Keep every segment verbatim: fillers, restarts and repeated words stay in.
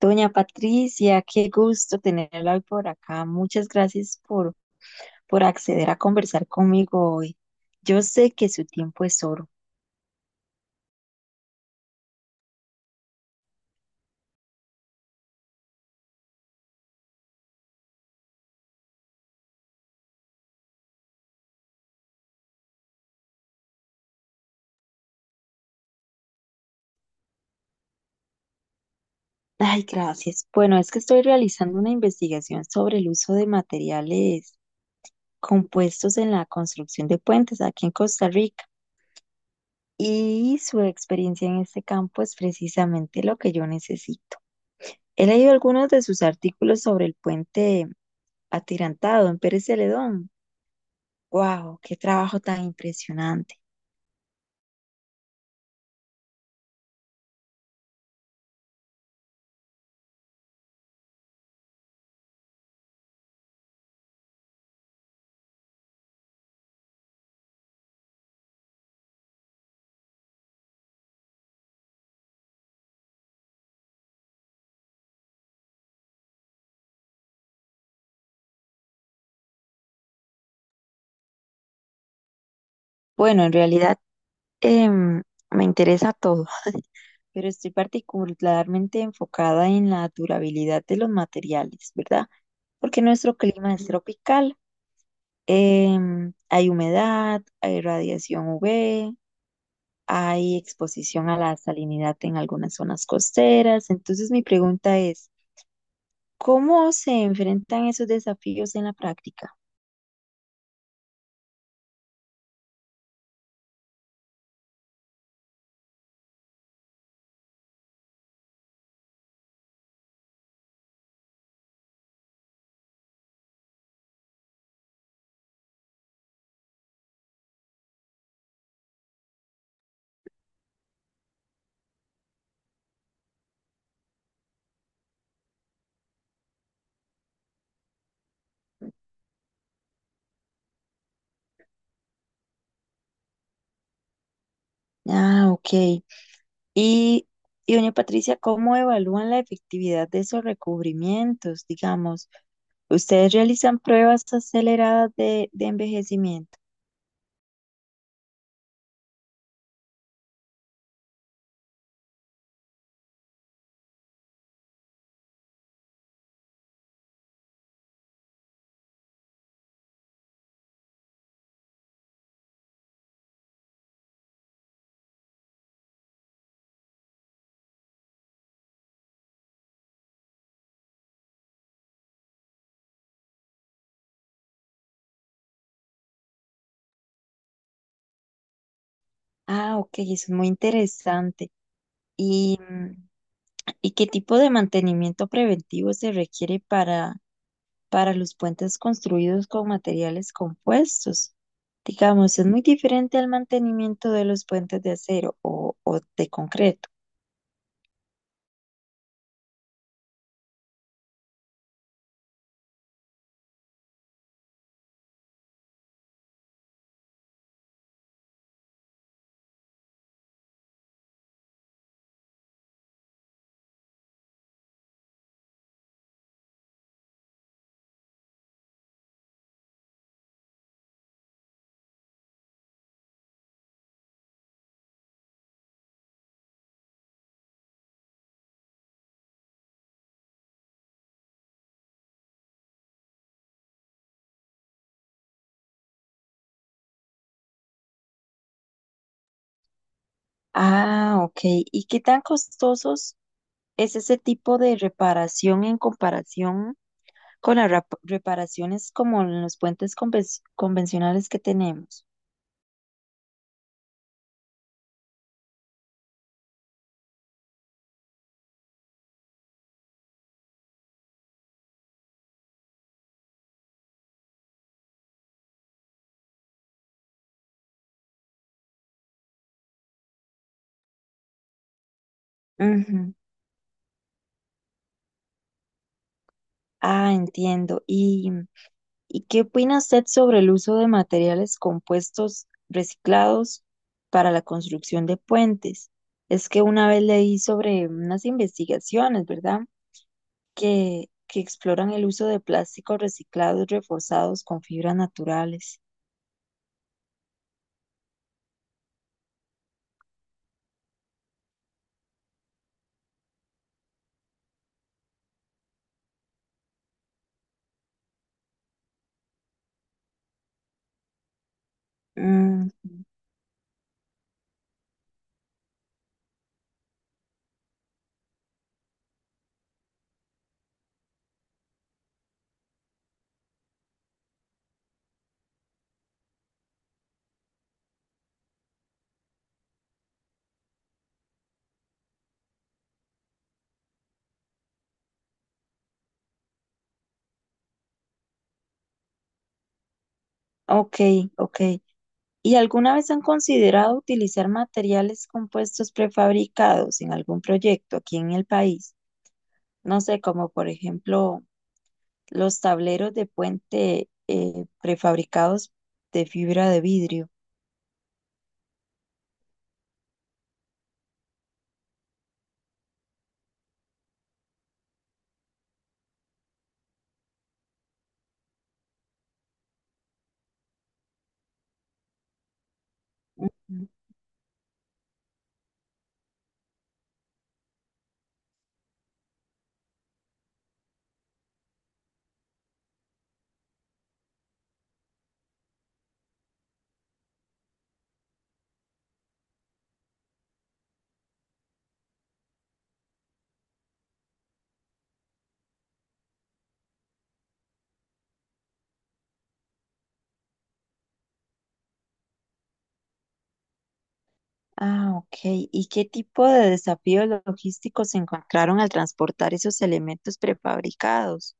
Doña Patricia, qué gusto tenerla hoy por acá. Muchas gracias por, por acceder a conversar conmigo hoy. Yo sé que su tiempo es oro. Ay, gracias. Bueno, es que estoy realizando una investigación sobre el uso de materiales compuestos en la construcción de puentes aquí en Costa Rica y su experiencia en este campo es precisamente lo que yo necesito. He leído algunos de sus artículos sobre el puente atirantado en Pérez Celedón. Wow, qué trabajo tan impresionante. Bueno, en realidad em, me interesa todo, pero estoy particularmente enfocada en la durabilidad de los materiales, ¿verdad? Porque nuestro clima es tropical, em, hay humedad, hay radiación U V, hay exposición a la salinidad en algunas zonas costeras. Entonces mi pregunta es, ¿cómo se enfrentan esos desafíos en la práctica? Ah, ok. Y, y doña Patricia, ¿cómo evalúan la efectividad de esos recubrimientos? Digamos, ustedes realizan pruebas aceleradas de, de envejecimiento. Ah, ok, eso es muy interesante. ¿Y, mm, y qué tipo de mantenimiento preventivo se requiere para, para los puentes construidos con materiales compuestos? Digamos, es muy diferente al mantenimiento de los puentes de acero o, o de concreto. Ah, ok. ¿Y qué tan costosos es ese tipo de reparación en comparación con las rap- reparaciones como en los puentes conven- convencionales que tenemos? Ujú. Ah, entiendo. ¿Y, y qué opina usted sobre el uso de materiales compuestos reciclados para la construcción de puentes? Es que una vez leí sobre unas investigaciones, ¿verdad? Que, que exploran el uso de plásticos reciclados reforzados con fibras naturales. Mm, ok, ok. ¿Y alguna vez han considerado utilizar materiales compuestos prefabricados en algún proyecto aquí en el país? No sé, como por ejemplo los tableros de puente eh, prefabricados de fibra de vidrio. Ujú. Ah, ok. ¿Y qué tipo de desafíos logísticos se encontraron al transportar esos elementos prefabricados?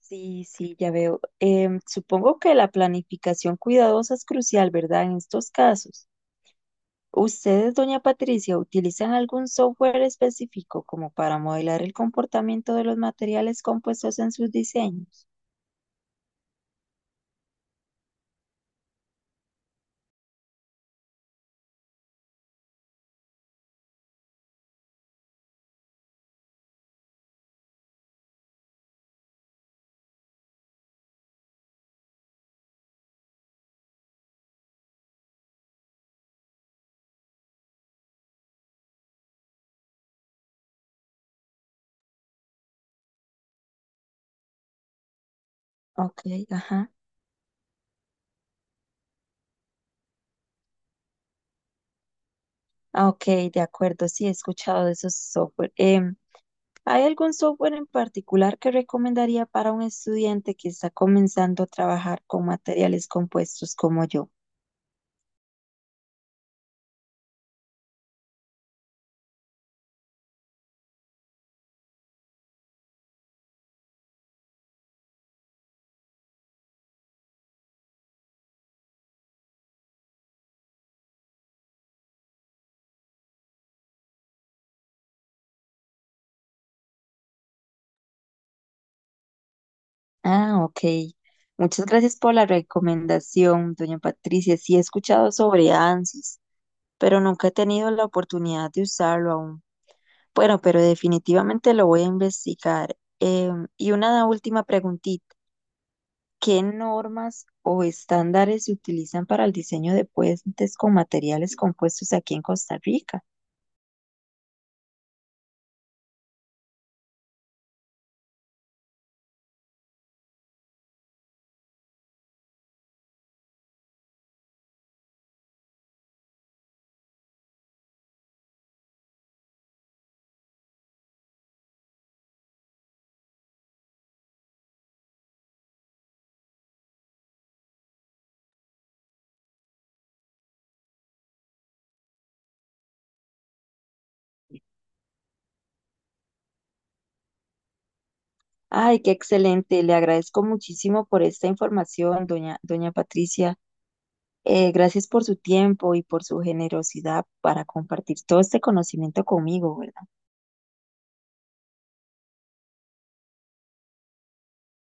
Sí, sí, ya veo. Em, supongo que la planificación cuidadosa es crucial, ¿verdad? En estos casos. ¿Ustedes, doña Patricia, utilizan algún software específico como para modelar el comportamiento de los materiales compuestos en sus diseños? Ok, ajá. Ah, ok, de acuerdo, sí, he escuchado de esos software. Em, ¿hay algún software en particular que recomendaría para un estudiante que está comenzando a trabajar con materiales compuestos como yo? Ah, ok. Muchas gracias por la recomendación, doña Patricia. Sí, he escuchado sobre ANSYS, pero nunca he tenido la oportunidad de usarlo aún. Bueno, pero definitivamente lo voy a investigar. Em, y una última preguntita. ¿Qué normas o estándares se utilizan para el diseño de puentes con materiales compuestos aquí en Costa Rica? Ay, qué excelente. Le agradezco muchísimo por esta información, doña, doña Patricia. Eh, gracias por su tiempo y por su generosidad para compartir todo este conocimiento conmigo, ¿verdad?